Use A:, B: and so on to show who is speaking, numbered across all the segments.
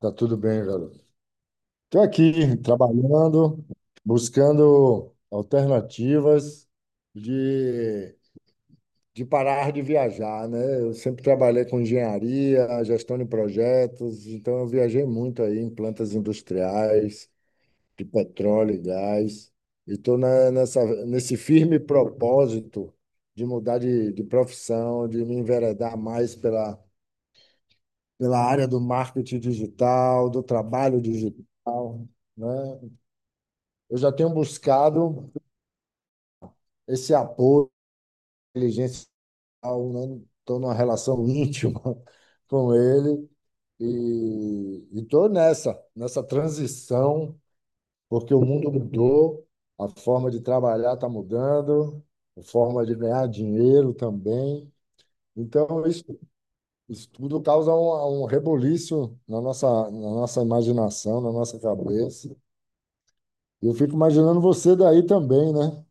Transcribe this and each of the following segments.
A: Tá tudo bem, garoto. Estou aqui trabalhando, buscando alternativas de, de parar de viajar, né? Eu sempre trabalhei com engenharia, gestão de projetos, então eu viajei muito aí em plantas industriais, de petróleo e gás, e estou nesse firme propósito de mudar de profissão, de me enveredar mais pela área do marketing digital, do trabalho digital, né? Eu já tenho buscado esse apoio, inteligência, estou numa relação íntima com ele e estou nessa transição, porque o mundo mudou, a forma de trabalhar está mudando, a forma de ganhar dinheiro também. Então, isso tudo causa um reboliço na na nossa imaginação, na nossa cabeça. Eu fico imaginando você daí também, né?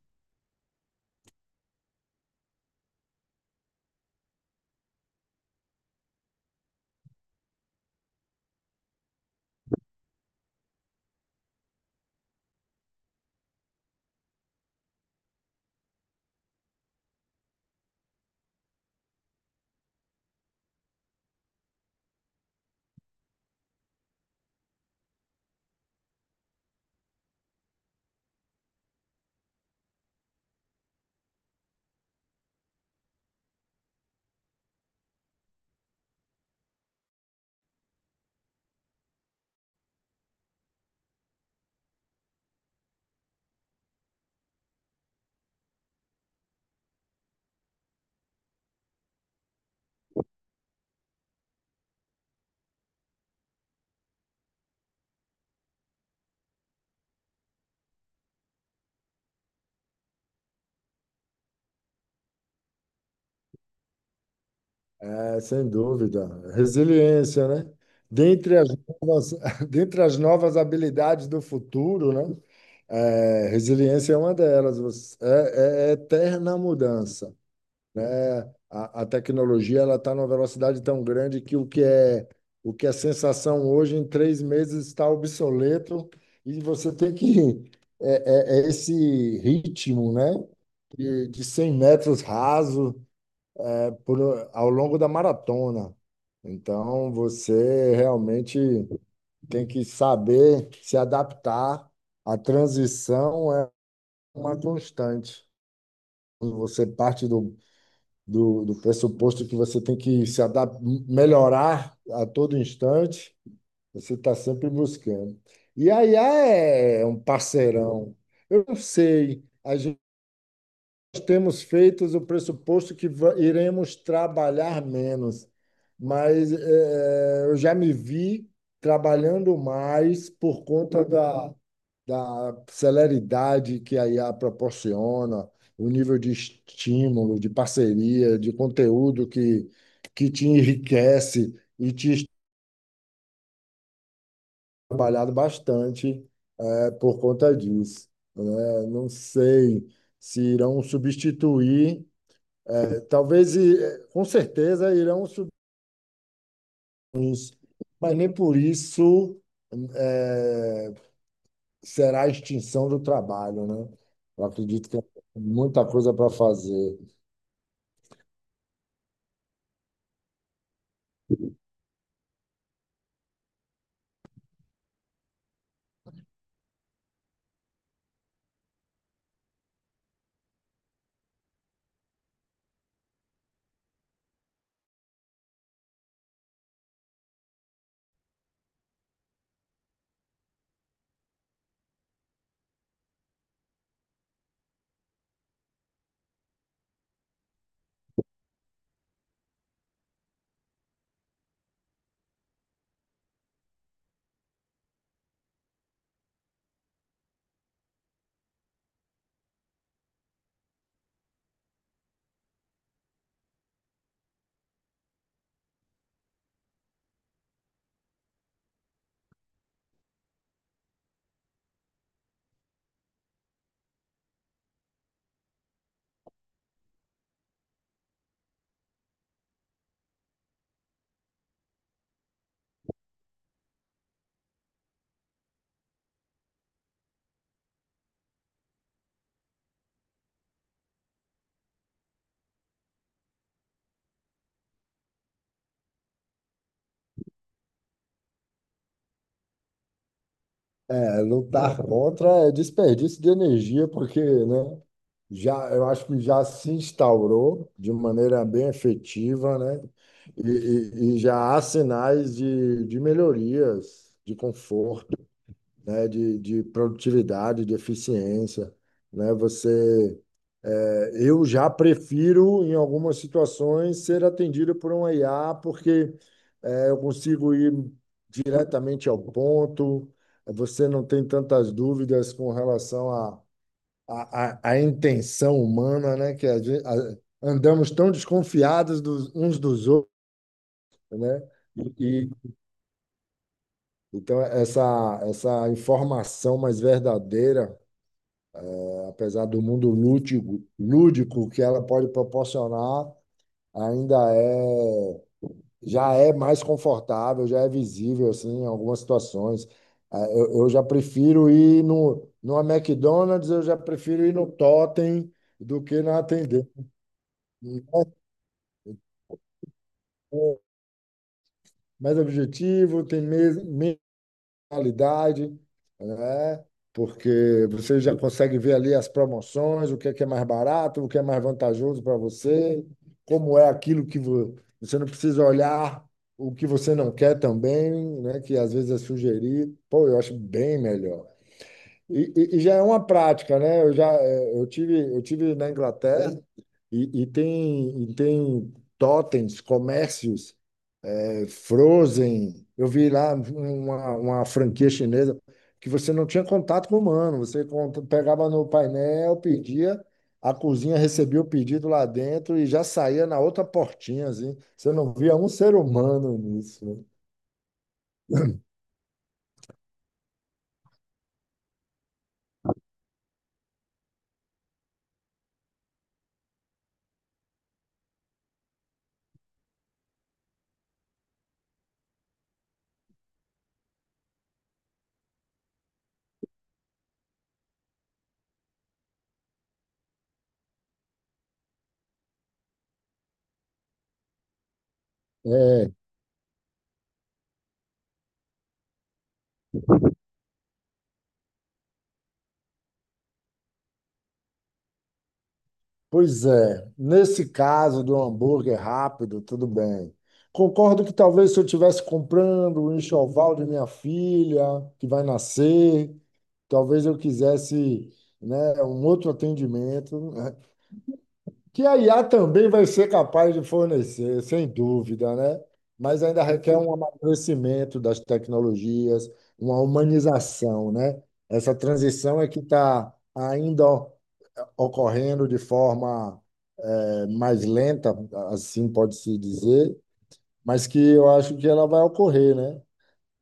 A: É, sem dúvida. Resiliência, né? Dentre as novas, dentre as novas habilidades do futuro, né? É, resiliência é uma delas. É, é eterna mudança, né? A tecnologia ela está numa velocidade tão grande que o que é sensação hoje em 3 meses está obsoleto e você tem que é esse ritmo, né? De 100 metros raso ao longo da maratona. Então, você realmente tem que saber se adaptar. A transição é uma constante. Quando você parte do pressuposto que você tem que se adaptar, melhorar a todo instante, você está sempre buscando. E a IA é um parceirão. Eu não sei, temos feito o pressuposto que iremos trabalhar menos, mas eu já me vi trabalhando mais por conta da celeridade que a IA proporciona, o nível de estímulo, de parceria, de conteúdo que te enriquece e te trabalhado bastante por conta disso, né? Não sei se irão substituir. Talvez, com certeza, irão subir los, mas nem por isso é, será a extinção do trabalho, né? Eu acredito que tem muita coisa para fazer. É, lutar contra é desperdício de energia, porque, né, já, eu acho que já se instaurou de maneira bem efetiva, né? E, e já há sinais de melhorias, de conforto, né, de produtividade, de eficiência, né? Eu já prefiro, em algumas situações, ser atendido por um IA, porque eu consigo ir diretamente ao ponto, você não tem tantas dúvidas com relação à intenção humana, né? Que andamos tão desconfiados dos, uns dos outros, né? E, e, então, essa informação mais verdadeira, apesar do mundo lúdico que ela pode proporcionar, ainda é, já é mais confortável, já é visível assim, em algumas situações. Ah, eu já prefiro ir no, numa McDonald's, eu já prefiro ir no Totem do que na atendente. É, mais objetivo, tem qualidade, né? Porque você já consegue ver ali as promoções, o que é mais barato, o que é mais vantajoso para você, como é aquilo que você não precisa olhar o que você não quer também, né? Que às vezes é sugerir. Pô, eu acho bem melhor. E, e já é uma prática, né? Eu já eu tive na Inglaterra e, e tem totens, comércios Frozen, eu vi lá uma franquia chinesa que você não tinha contato com o humano, você pegava no painel, pedia, a cozinha recebia o pedido lá dentro e já saía na outra portinha, assim. Você não via um ser humano nisso, né? É. Pois é, nesse caso do hambúrguer rápido, tudo bem. Concordo que talvez se eu estivesse comprando o enxoval de minha filha, que vai nascer, talvez eu quisesse, né, um outro atendimento, né, que a IA também vai ser capaz de fornecer, sem dúvida, né? Mas ainda requer um amadurecimento das tecnologias, uma humanização, né? Essa transição é que está ainda ocorrendo de forma mais lenta, assim pode-se dizer, mas que eu acho que ela vai ocorrer, né?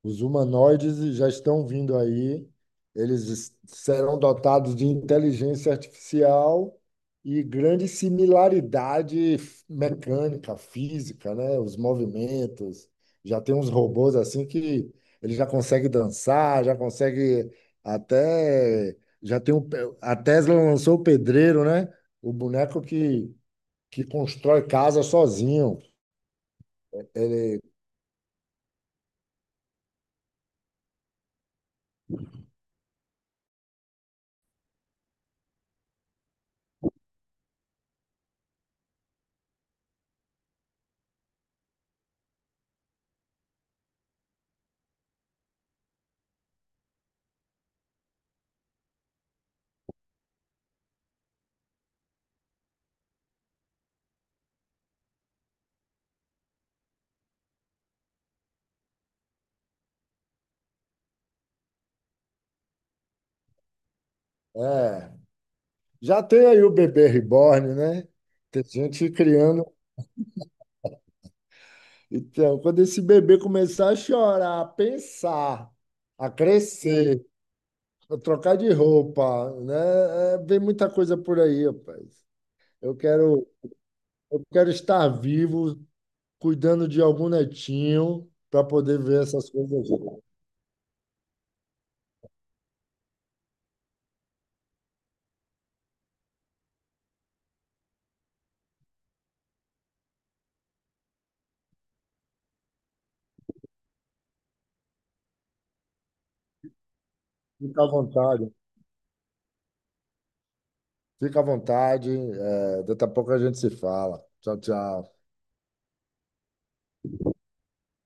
A: Os humanoides já estão vindo aí, eles serão dotados de inteligência artificial e grande similaridade mecânica, física, né? Os movimentos. Já tem uns robôs assim que ele já consegue dançar, já consegue até. Já tem um, a Tesla lançou o pedreiro, né? O boneco que constrói casa sozinho. Ele é. Já tem aí o bebê reborn, né? Tem gente criando. Então, quando esse bebê começar a chorar, a pensar, a crescer, a trocar de roupa, né? É, vem muita coisa por aí, rapaz. Eu quero, eu quero estar vivo, cuidando de algum netinho, para poder ver essas coisas. Fica à vontade. Fica à vontade. É, daqui a pouco a gente se fala. Tchau, tchau.